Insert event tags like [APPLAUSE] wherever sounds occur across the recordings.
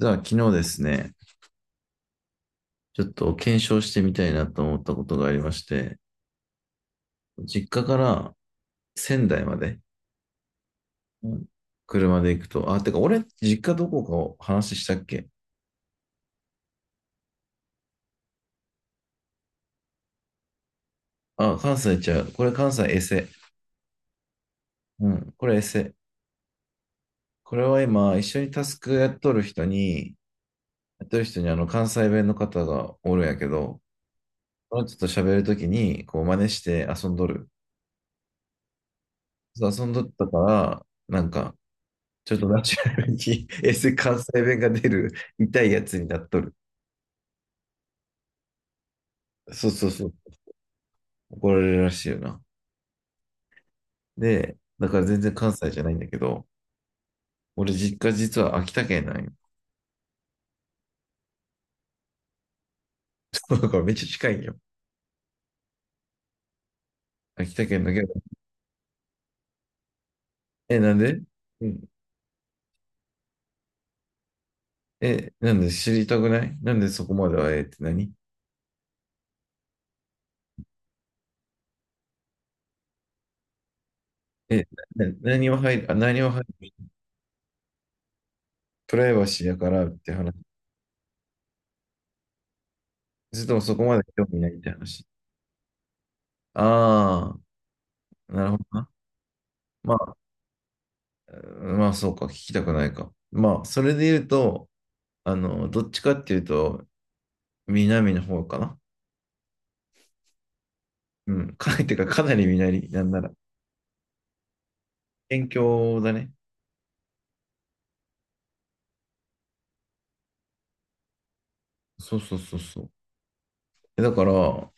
実は昨日ですね、ちょっと検証してみたいなと思ったことがありまして、実家から仙台まで、車で行くと、あ、てか俺、実家どこかを話したっけ？あ、関西ちゃう。これ関西エセ。うん、これエセ。これは今、一緒にタスクやっとる人にあの関西弁の方がおるんやけど、ちょっと喋るときに、こう真似して遊んどる。遊んどったから、なんか、ちょっとナチュラルに [LAUGHS] S 関西弁が出る。痛いやつになっとる。そうそうそう。怒られるらしいよな。で、だから全然関西じゃないんだけど、俺実家実は秋田県なんよ。[LAUGHS] だからめっちゃ近いんよ。秋田県だけど。え、なんで、うん、え、なんで知りたくない？なんでそこまではええって何？え、何は入る、あ、何は入る？プライバシーやからって話？それともそこまで興味ないって話？ああ、なるほどな。ままあ、そうか、聞きたくないか。まあ、それで言うと、あの、どっちかっていうと、南の方かな。うん、かなり南、なんなら県境だね。そうそうそうそう。だから、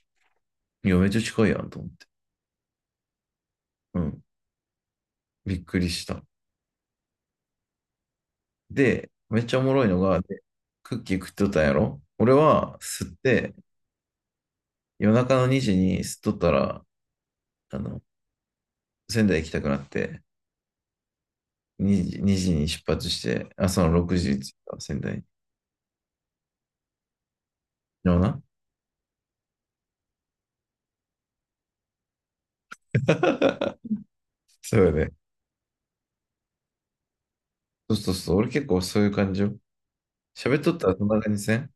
いや、めっちゃ近いやんと思って。うん、びっくりした。で、めっちゃおもろいのが、でクッキー食っとったんやろ、俺は吸って、夜中の2時に吸っとったら、あの、仙台行きたくなって、2時に出発して、朝の6時に着いた、仙台。ような。[LAUGHS] そうよね。そうそうそう。俺結構そういう感じよ。喋っとったらそんな感じせん？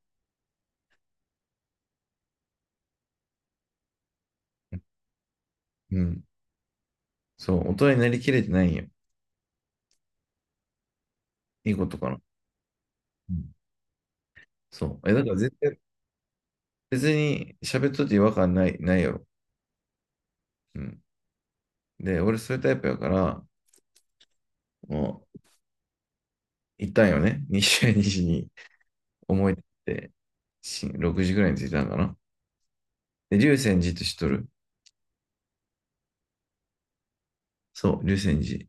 うん。そう。大人になりきれてないんよ。いいことかな。うん。そう。え、だから絶対、別に喋っとって違和感ない、ないやろ。うん。で、俺そういうタイプやから、もう、行ったんよね、西谷西に。思い出って、し、6時ぐらいに着いたんかな。で、龍泉寺って知っとる？そう、龍泉寺。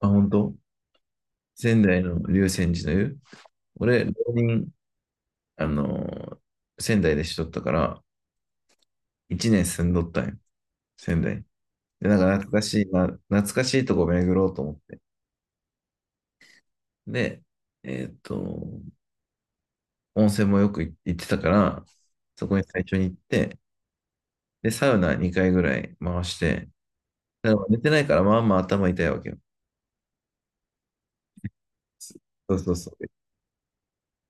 あ、本当？仙台の龍泉寺の湯。俺、浪人、あのー仙台でしとったから、一年住んどったんよ、仙台に。で、なんか懐かしいな、懐かしいとこ巡ろうと思って。で、えーっと、温泉もよく行ってたから、そこに最初に行って、で、サウナ2回ぐらい回して、だから寝てないからまあまあ頭痛いわけよ。そうそうそう。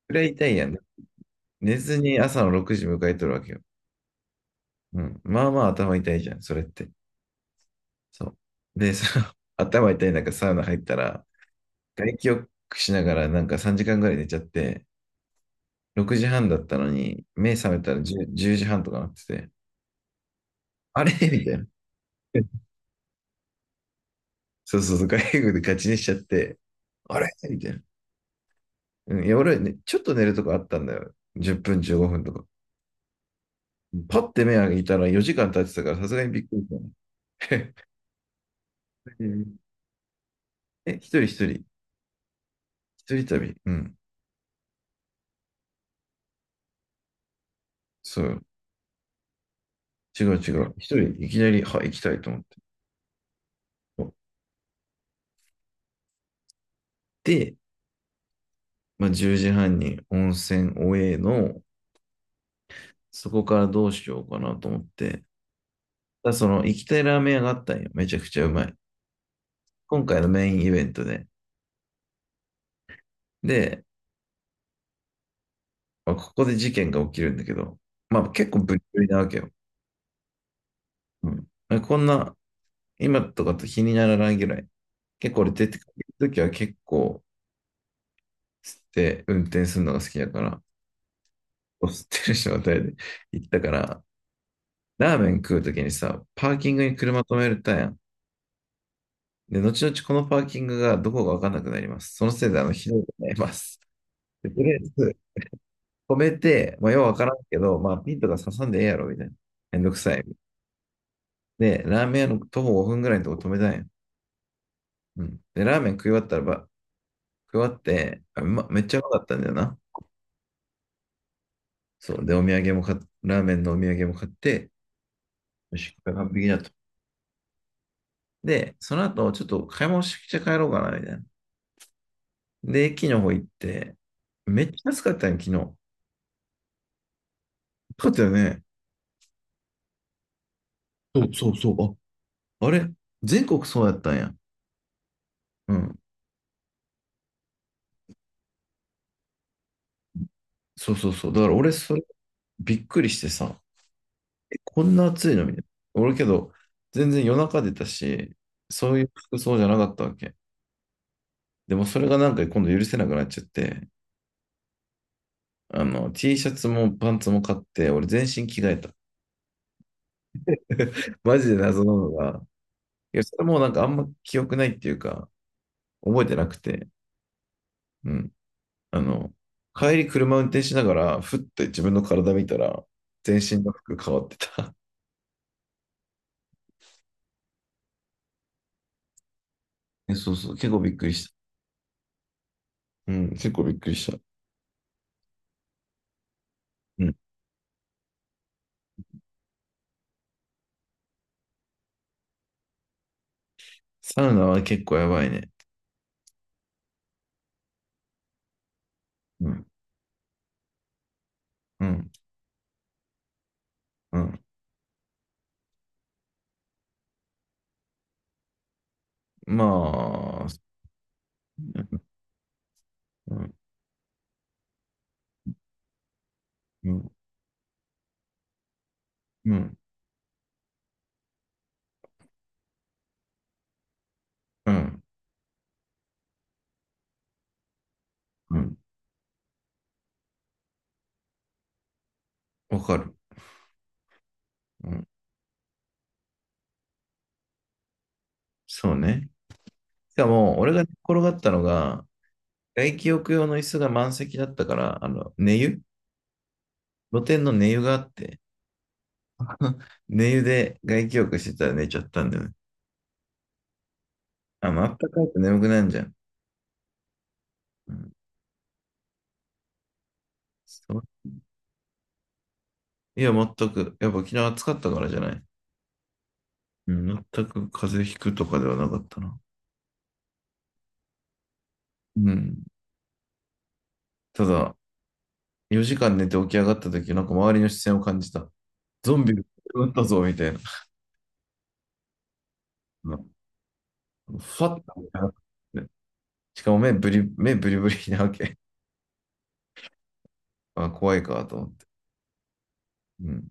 くらい痛いやん。寝ずに朝の6時迎えとるわけよ。うん。まあまあ頭痛いじゃん、それって。そう。で、その [LAUGHS] 頭痛い中サウナ入ったら、外気浴しながらなんか3時間ぐらい寝ちゃって、6時半だったのに、目覚めたら 10, 時半とかなってて、あれみたいな。[LAUGHS] そうそうそう、外国でガチにしちゃって、あれみたいな。うん、いや、俺、ね、ちょっと寝るとこあったんだよ。10分、15分とか。パッて目開いたら4時間経ってたから、さすがにびっくりしたね。[LAUGHS] え、一人旅。うん、そう。違う違う。一人、いきなり、はい、行きたいと思って。で、まあ、10時半に温泉おえの、そこからどうしようかなと思って、だ、その行きたいラーメン屋があったんよ。めちゃくちゃうまい。今回のメインイベントで。で、まあここで事件が起きるんだけど、まあ結構ブリブリなわけよ。うん、こんな、今とかと気にならないぐらい。結構俺出てくるときは結構吸って運転するのが好きだから、吸ってる状態で行ったから、ラーメン食うときにさ、パーキングに車止めるたやん。で、後々このパーキングがどこかわかんなくなります。そのせいであの、ひどいことになります。でとりあえず、止めて、まあ、ようわからんけど、まあ、ピンとか刺さんでええやろ、みたいな。めんどくさい。で、ラーメン屋の徒歩5分ぐらいのとこ止めたんや。うん。で、ラーメン食い終わったらば、食い終わって、あ、うま、めっちゃうまかったんだよな。そう。で、お土産も買っ、ラーメンのお土産も買って、よし、これ完璧だと。で、その後、ちょっと買い物して帰ろうかな、みたいな。で、駅の方行って、めっちゃ安かったんや昨日。暑かったよね。そうそうそう。あ、あれ全国そうやったんや。うん。そうそうそう。だから俺、それ、びっくりしてさ。こんな暑いのみたいな。俺けど、全然夜中出たし、そういう服装じゃなかったわけ。でもそれがなんか今度許せなくなっちゃって、あの、T シャツもパンツも買って、俺全身着替えた。[LAUGHS] マジで謎なのが、いや、それもなんかあんま記憶ないっていうか、覚えてなくて、うん。あの、帰り車運転しながら、ふっと自分の体見たら、全身の服変わってた。[LAUGHS] え、そうそう、結構びっくりした。うん、結構びっくりした。うん。サウナは結構やばいね。うん。うんうん。まあ、うん、うん、うん、うん、うん、わかる。うん、そうね。しかも、俺が寝転がったのが、外気浴用の椅子が満席だったから、あの、露天の寝湯があって、[LAUGHS] 寝湯で外気浴してたら寝ちゃったんだよね。あの、あったかいと眠くなるじゃん。うん、そういや、全く。やっぱ昨日暑かったからじゃない。うん、全く風邪ひくとかではなかったな。うん。ただ、4時間寝て起き上がった時、なんか周りの視線を感じた。ゾンビが撃ったぞ、みたいな。うん、ふわっと見っ、しかも目ブリブリなわけ。[LAUGHS] あ、怖いか、と思って。うん。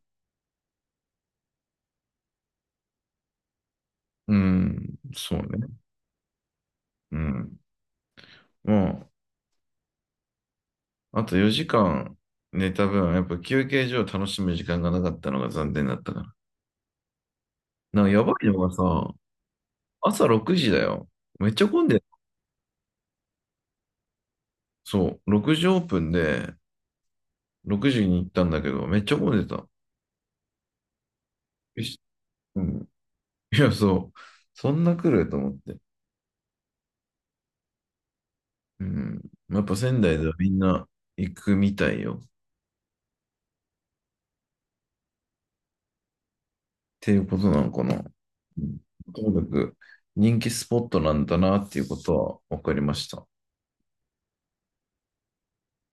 うん、そうね。うん。もう、あと4時間寝た分、やっぱ休憩所を楽しむ時間がなかったのが残念だったから。なんかやばいのがさ、朝6時だよ。めっちゃ混んで、そう、6時オープンで、6時に行ったんだけど、めっちゃ混んでた。よし、うん。いや、そう、そんな来ると思って。うん。やっぱ仙台ではみんな行くみたいよ、っていうことなのかな。うん。ともかく人気スポットなんだなっていうことは分かりました。